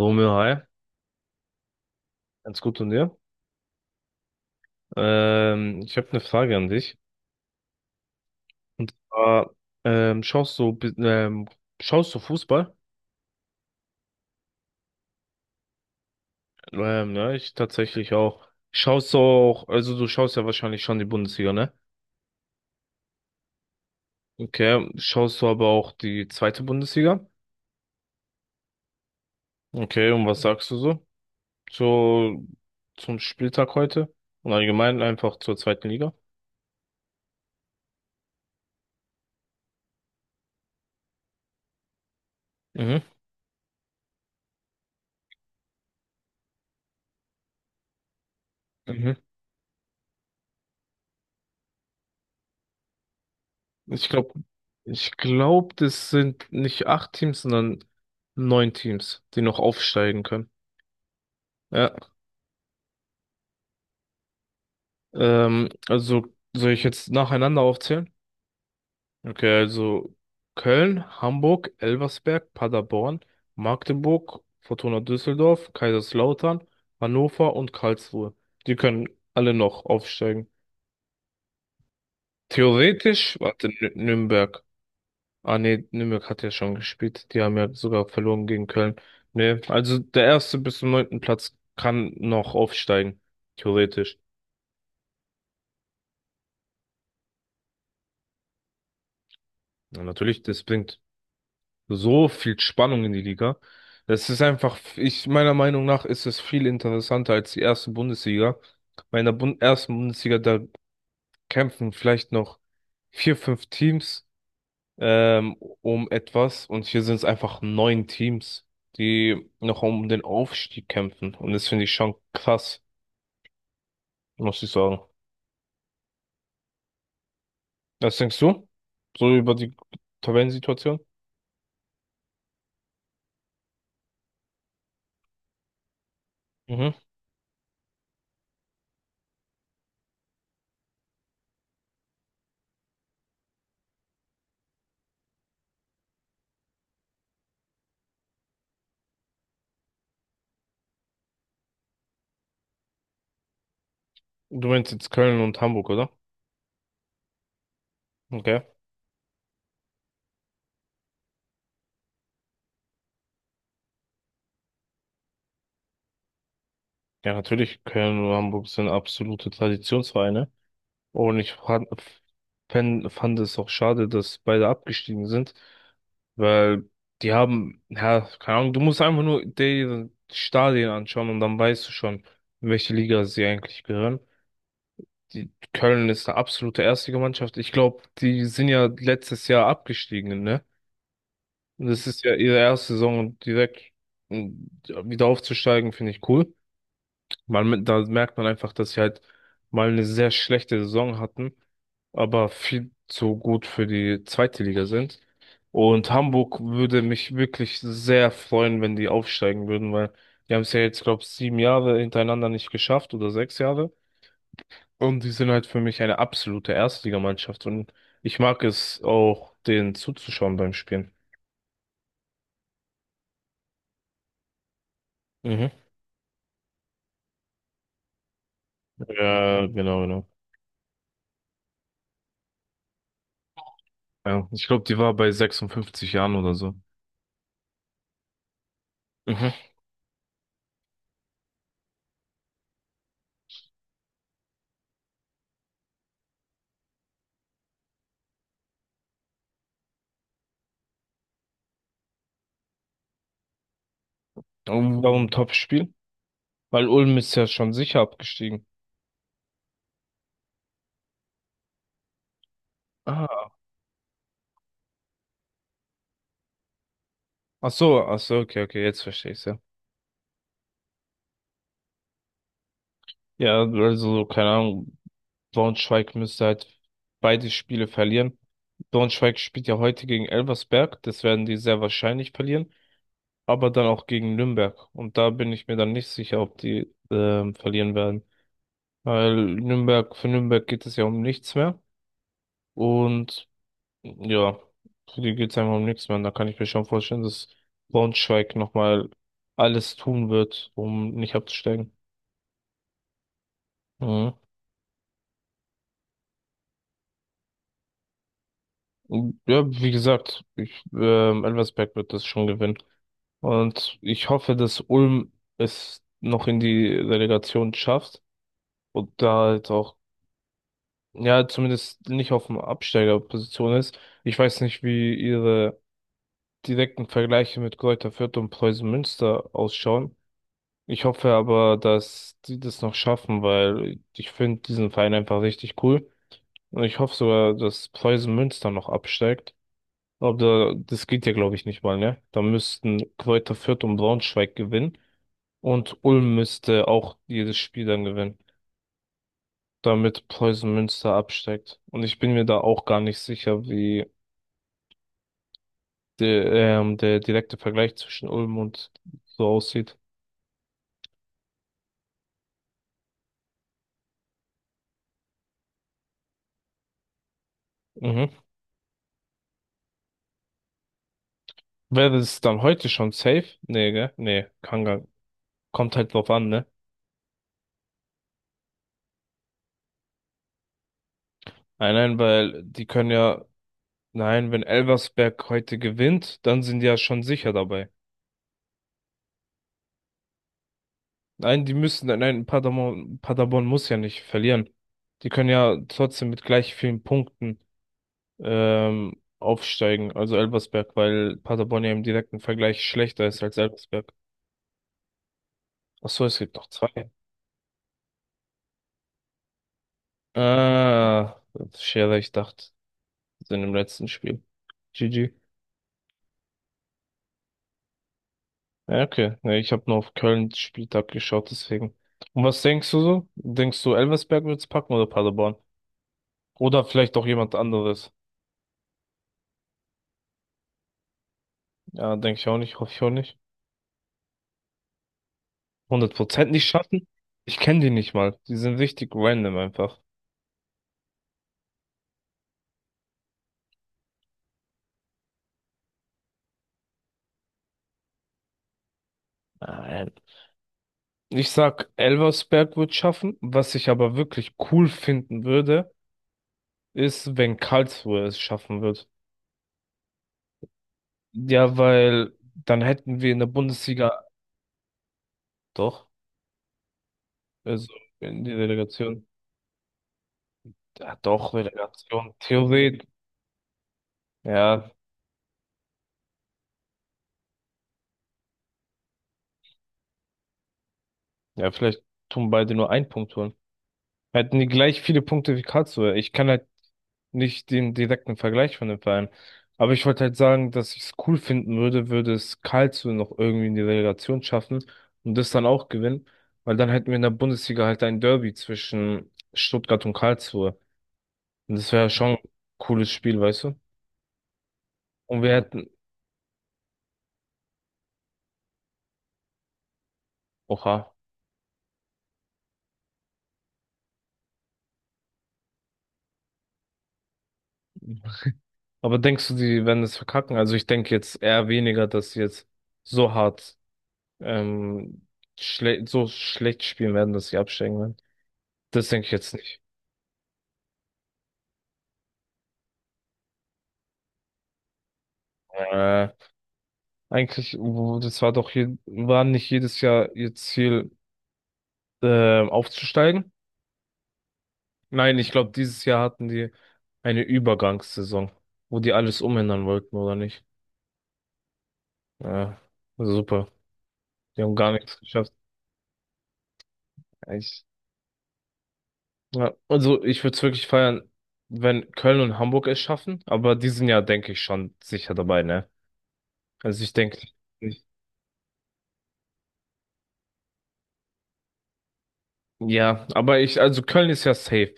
Romeo, hi. Ganz gut und dir? Ich habe eine Frage an dich. Und zwar, schaust du, schaust du Fußball? Ja, ich tatsächlich auch. Schaust du auch, also du schaust ja wahrscheinlich schon die Bundesliga, ne? Okay, schaust du aber auch die zweite Bundesliga? Okay, und was sagst du so zu, zum Spieltag heute? Und allgemein einfach zur zweiten Liga? Mhm. Mhm. Ich glaube, ich glaube, das sind nicht acht Teams, sondern neun Teams, die noch aufsteigen können. Ja. Also soll ich jetzt nacheinander aufzählen? Okay, also Köln, Hamburg, Elversberg, Paderborn, Magdeburg, Fortuna Düsseldorf, Kaiserslautern, Hannover und Karlsruhe. Die können alle noch aufsteigen. Theoretisch, warte, Nürnberg. Ah nee, Nürnberg hat ja schon gespielt. Die haben ja sogar verloren gegen Köln. Nee, also der erste bis zum neunten Platz kann noch aufsteigen, theoretisch. Ja, natürlich, das bringt so viel Spannung in die Liga. Das ist einfach, ich meiner Meinung nach ist es viel interessanter als die erste Bundesliga. Bei einer Bun ersten Bundesliga, da kämpfen vielleicht noch vier, fünf Teams ähm, um etwas und hier sind es einfach neun Teams, die noch um den Aufstieg kämpfen. Und das finde ich schon krass, muss ich sagen. Was denkst du? So über die Tabellensituation? Mhm. Du meinst jetzt Köln und Hamburg, oder? Okay. Ja, natürlich, Köln und Hamburg sind absolute Traditionsvereine. Und ich fand es auch schade, dass beide abgestiegen sind, weil die haben, ja, keine Ahnung, du musst einfach nur die Stadien anschauen und dann weißt du schon, in welche Liga sie eigentlich gehören. Die Köln ist eine absolute Erstligamannschaft. Ich glaube, die sind ja letztes Jahr abgestiegen, ne? Und das ist ja ihre erste Saison und direkt mm, wieder aufzusteigen, finde ich cool. Man, da merkt man einfach, dass sie halt mal eine sehr schlechte Saison hatten, aber viel zu gut für die zweite Liga sind. Und Hamburg würde mich wirklich sehr freuen, wenn die aufsteigen würden, weil die haben es ja jetzt, glaube ich, sieben Jahre hintereinander nicht geschafft oder sechs Jahre. Und die sind halt für mich eine absolute Erstligamannschaft. Und ich mag es auch, denen zuzuschauen beim Spielen. Mhm. Ja, genau, genau. Ja, ich glaube, die war bei 56 Jahren oder so. Mhm. Und warum Topspiel? Weil Ulm ist ja schon sicher abgestiegen. Ah, ach so, okay, okay, jetzt verstehe ich's ja. Ja, also, keine Ahnung, Braunschweig müsste halt beide Spiele verlieren. Braunschweig spielt ja heute gegen Elversberg, das werden die sehr wahrscheinlich verlieren, aber dann auch gegen Nürnberg. Und da bin ich mir dann nicht sicher, ob die verlieren werden. Weil Nürnberg, für Nürnberg geht es ja um nichts mehr. Und ja, für die geht's einfach um nichts mehr. Und da kann ich mir schon vorstellen, dass Braunschweig nochmal alles tun wird, um nicht abzusteigen. Mhm. Und ja, wie gesagt, Elversberg wird das schon gewinnen. Und ich hoffe, dass Ulm es noch in die Relegation schafft und da halt auch, ja, zumindest nicht auf dem Absteigerposition ist. Ich weiß nicht, wie ihre direkten Vergleiche mit Greuther Fürth und Preußen Münster ausschauen. Ich hoffe aber, dass die das noch schaffen, weil ich finde diesen Verein einfach richtig cool. Und ich hoffe sogar, dass Preußen Münster noch absteigt. Aber das geht ja, glaube ich, nicht mal, ne? Da müssten Kräuter Fürth und Braunschweig gewinnen. Und Ulm müsste auch jedes Spiel dann gewinnen, damit Preußen Münster absteigt. Und ich bin mir da auch gar nicht sicher, wie der direkte Vergleich zwischen Ulm und so aussieht. Mhm. Wäre es dann heute schon safe? Nee, gell? Nee, kann gar kommt halt drauf an, ne? Nein, nein, weil die können ja, nein, wenn Elversberg heute gewinnt, dann sind die ja schon sicher dabei. Nein, die müssen, nein, Paderborn muss ja nicht verlieren. Die können ja trotzdem mit gleich vielen Punkten aufsteigen, also Elversberg, weil Paderborn ja im direkten Vergleich schlechter ist als Elversberg. Ach so, es gibt noch zwei. Ah, Scherer, ich dachte, sind im letzten Spiel. GG. Ja, okay. Ja, ich habe nur auf Köln Spieltag geschaut, deswegen. Und was denkst du so? Denkst du, Elversberg wird's packen oder Paderborn? Oder vielleicht auch jemand anderes? Ja, denke ich auch nicht, hoffe ich auch nicht. Hundert Prozent nicht schaffen? Ich kenne die nicht mal. Die sind richtig random einfach. Nein. Ich sag, Elversberg wird schaffen. Was ich aber wirklich cool finden würde, ist, wenn Karlsruhe es schaffen wird. Ja, weil dann hätten wir in der Bundesliga doch, also in die Relegation. Ja, doch, Relegation, Theorie. Ja, ja, vielleicht tun beide nur einen Punkt holen. Hätten die gleich viele Punkte wie Karlsruhe. Ich kann halt nicht den direkten Vergleich von den Vereinen. Aber ich wollte halt sagen, dass ich es cool finden würde, würde es Karlsruhe noch irgendwie in die Relegation schaffen und das dann auch gewinnen. Weil dann hätten wir in der Bundesliga halt ein Derby zwischen Stuttgart und Karlsruhe. Und das wäre schon ein cooles Spiel, weißt du? Und wir hätten, oha. Aber denkst du, die werden es verkacken? Also ich denke jetzt eher weniger, dass sie jetzt so hart, ähm, schle so schlecht spielen werden, dass sie absteigen werden. Das denke ich jetzt nicht. Äh, eigentlich, das war doch hier, war nicht jedes Jahr ihr Ziel, aufzusteigen. Nein, ich glaube, dieses Jahr hatten die eine Übergangssaison, wo die alles umändern wollten, oder nicht? Ja, super. Die haben gar nichts geschafft. Ja, also ich würde es wirklich feiern, wenn Köln und Hamburg es schaffen, aber die sind ja, denke ich, schon sicher dabei, ne? Also ich denke, ja, aber ich, also Köln ist ja safe,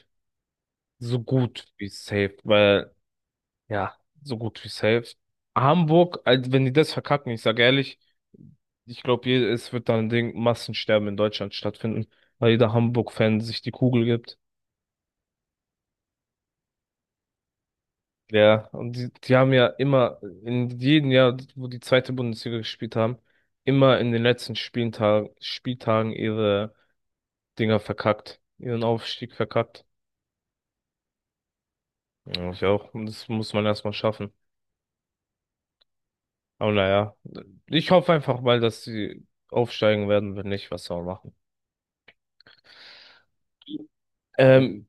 so gut wie safe, weil, ja, so gut wie safe. Hamburg, also wenn die das verkacken, ich sage ehrlich, ich glaube, es wird dann ein Ding, Massensterben in Deutschland stattfinden, weil jeder Hamburg-Fan sich die Kugel gibt. Ja, und die haben ja immer, in jedem Jahr, wo die zweite Bundesliga gespielt haben, immer in den letzten Spieltagen ihre Dinger verkackt, ihren Aufstieg verkackt. Ja, ich auch. Und das muss man erstmal schaffen. Aber naja, ich hoffe einfach mal, dass sie aufsteigen werden, wenn nicht, was soll man machen. Ähm,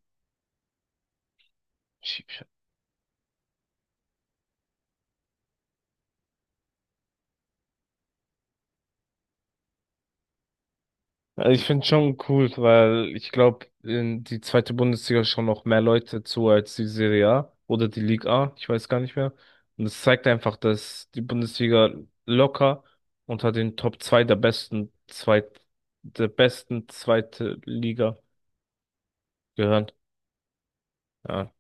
Also ich finde es schon cool, weil ich glaube, die zweite Bundesliga schauen noch mehr Leute zu als die Serie A oder die Liga A, ich weiß gar nicht mehr. Und es zeigt einfach, dass die Bundesliga locker unter den Top 2 der besten zweit der besten zweite Liga gehört. Ja,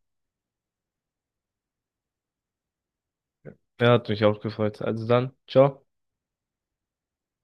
ja, hat mich auch gefreut. Also dann, ciao.